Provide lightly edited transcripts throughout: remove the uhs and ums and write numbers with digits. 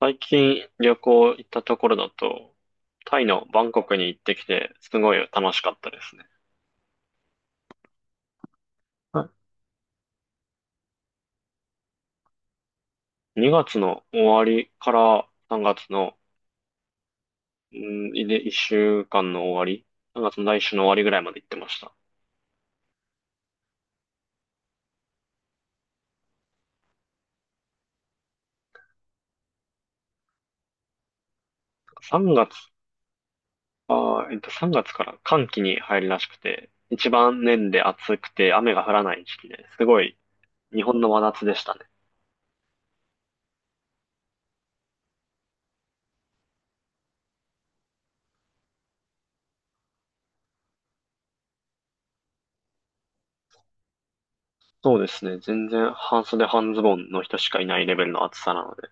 最近旅行行ったところだと、タイのバンコクに行ってきて、すごい楽しかったですね。はい。2月の終わりから3月の、うん、1週間の終わり、3月の来週の終わりぐらいまで行ってました。3月、あー、えっと、3月から寒気に入るらしくて、一番年で暑くて雨が降らない時期ですごい日本の真夏でしたね。そうですね。全然半袖半ズボンの人しかいないレベルの暑さなので。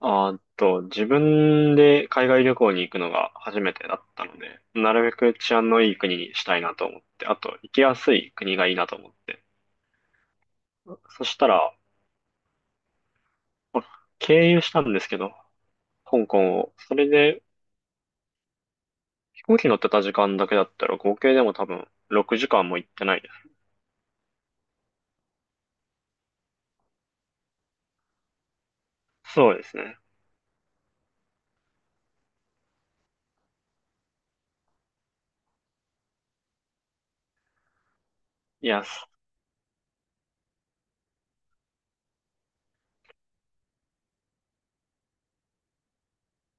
あーっと、自分で海外旅行に行くのが初めてだったので、なるべく治安のいい国にしたいなと思って、あと、行きやすい国がいいなと思って。そしたら、まあ経由したんですけど、香港を。それで、飛行機乗ってた時間だけだったら、合計でも多分6時間も行ってないです。そうですね。いや、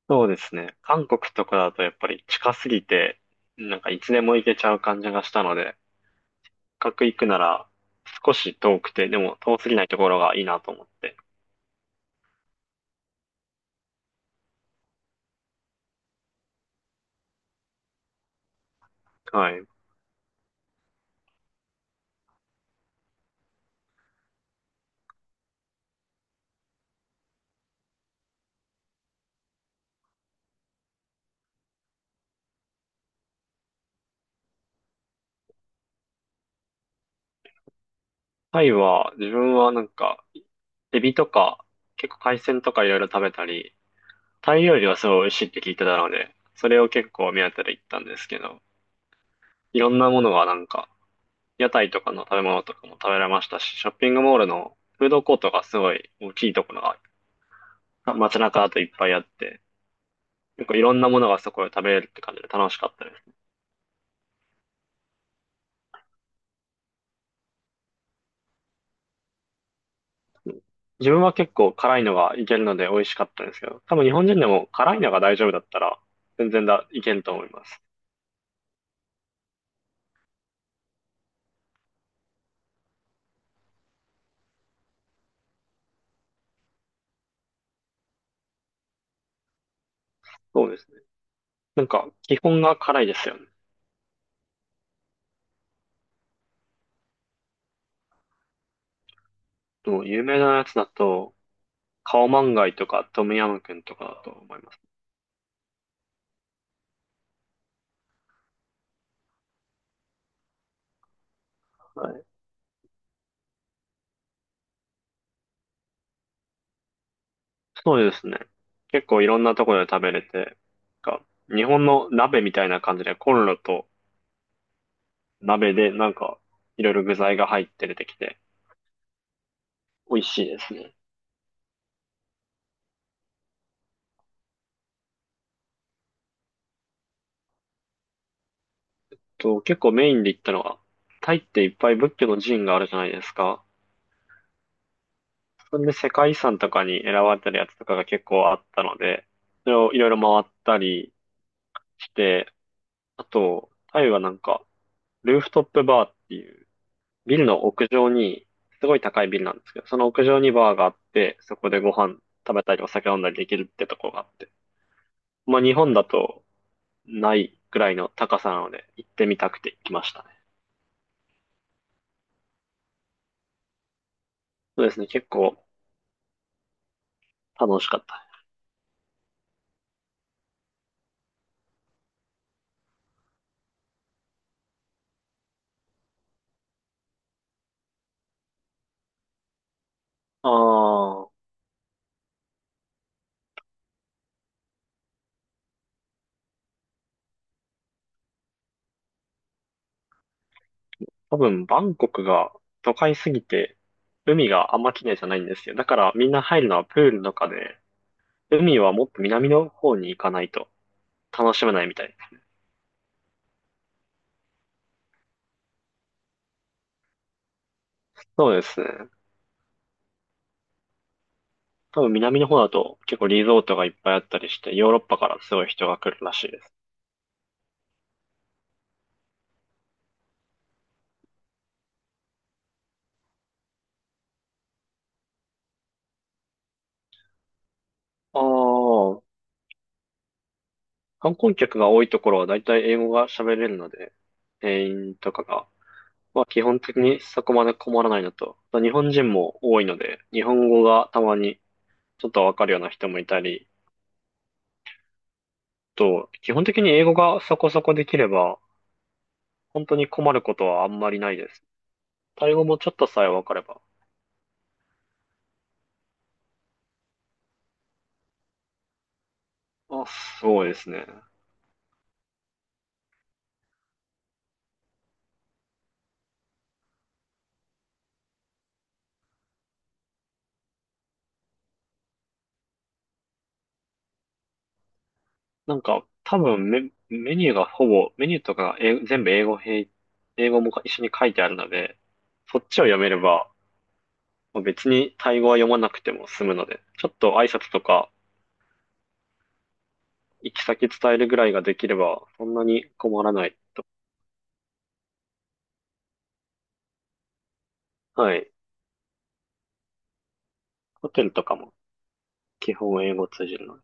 そうですね。韓国とかだとやっぱり近すぎて、なんかいつでも行けちゃう感じがしたので、角行くなら少し遠くて、でも遠すぎないところがいいなと思って。はい。タイは、自分はなんか、エビとか、結構海鮮とかいろいろ食べたり、タイ料理はすごい美味しいって聞いてたので、それを結構目当てで行ったんですけど、いろんなものがなんか、屋台とかの食べ物とかも食べられましたし、ショッピングモールのフードコートがすごい大きいところが、街中だといっぱいあって、結構いろんなものがそこで食べれるって感じで楽しかったです。自分は結構辛いのがいけるので美味しかったんですけど、多分日本人でも辛いのが大丈夫だったら全然だ、いけると思います。そうですね。なんか基本が辛いですよね。もう有名なやつだと、カオマンガイとかトムヤムクンとかだと思います。はい。そうですね。結構いろんなところで食べれて、なんか日本の鍋みたいな感じでコンロと鍋でなんかいろいろ具材が入って出てきて美味しいですね。と、結構メインで行ったのは、タイっていっぱい仏教の寺院があるじゃないですか。それで世界遺産とかに選ばれてるやつとかが結構あったので、それをいろいろ回ったりして、あと、タイはなんか、ルーフトップバーっていう、ビルの屋上に、すごい高いビルなんですけど、その屋上にバーがあって、そこでご飯食べたりお酒飲んだりできるってとこがあって。まあ日本だとないぐらいの高さなので、行ってみたくて行きましたね。そうですね、結構楽しかったね。ああ。多分、バンコクが都会すぎて、海があんま綺麗じゃないんですよ。だから、みんな入るのはプールとかで、海はもっと南の方に行かないと楽しめないみたいですね。そうですね。多分、南の方だと結構リゾートがいっぱいあったりして、ヨーロッパからすごい人が来るらしいです。ああ、観光客が多いところは大体英語が喋れるので、店員とかが。まあ基本的にそこまで困らないのと、日本人も多いので、日本語がたまにちょっとわかるような人もいたり、と、基本的に英語がそこそこできれば、本当に困ることはあんまりないです。タイ語もちょっとさえわかれば。あ、そうですね。なんか、多分メニューがほぼ、メニューとかが全部英語英語も一緒に書いてあるので、そっちを読めれば、まあ別にタイ語は読まなくても済むので、ちょっと挨拶とか、行き先伝えるぐらいができれば、そんなに困らない。はい。ホテルとかも基本英語通じるので。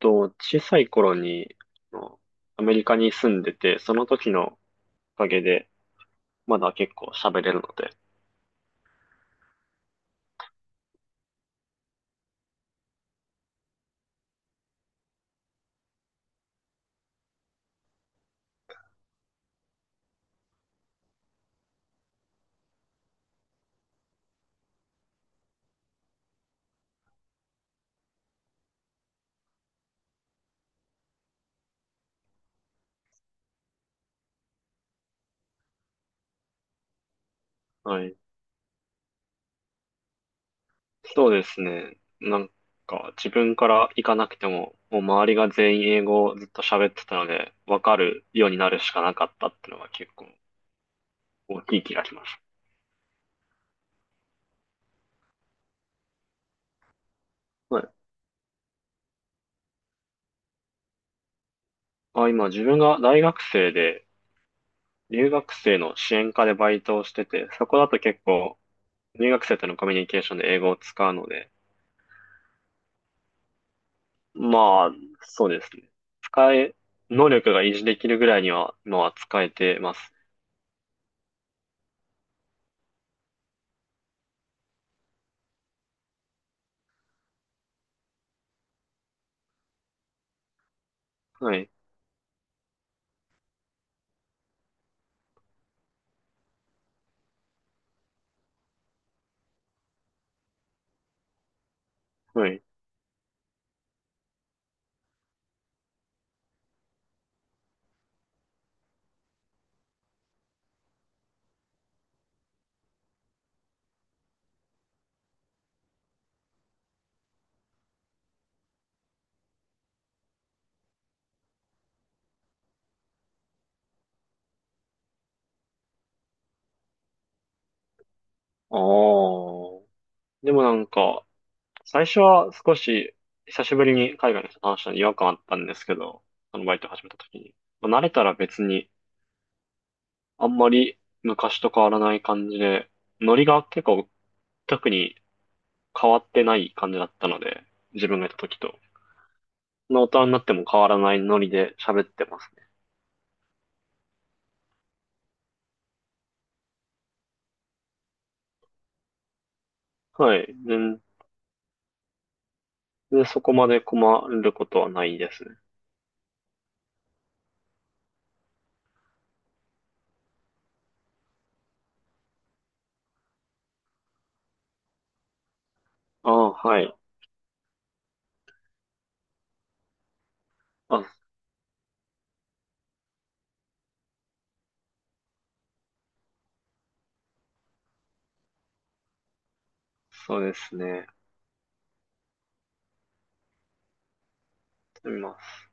と、小さい頃に、あのアメリカに住んでて、その時のおかげで、まだ結構喋れるので、はい。そうですね。なんか、自分から行かなくても、もう周りが全員英語をずっと喋ってたので、わかるようになるしかなかったっていうのが結構大きい気がします。はい。あ、今、自分が大学生で、留学生の支援課でバイトをしてて、そこだと結構、留学生とのコミュニケーションで英語を使うので、まあ、そうですね。使え、能力が維持できるぐらいには、今は使えてます。はい。はい。ああ。でもなんか、最初は少し、久しぶりに海外の人と話したのに違和感あったんですけど、バイト始めた時に。まあ、慣れたら別に、あんまり昔と変わらない感じで、ノリが結構、特に変わってない感じだったので、自分がいた時と。大人になっても変わらないノリで喋ってますね。はい。そこまで困ることはないですね。ああ、はい。あ、そうですね。やってみます。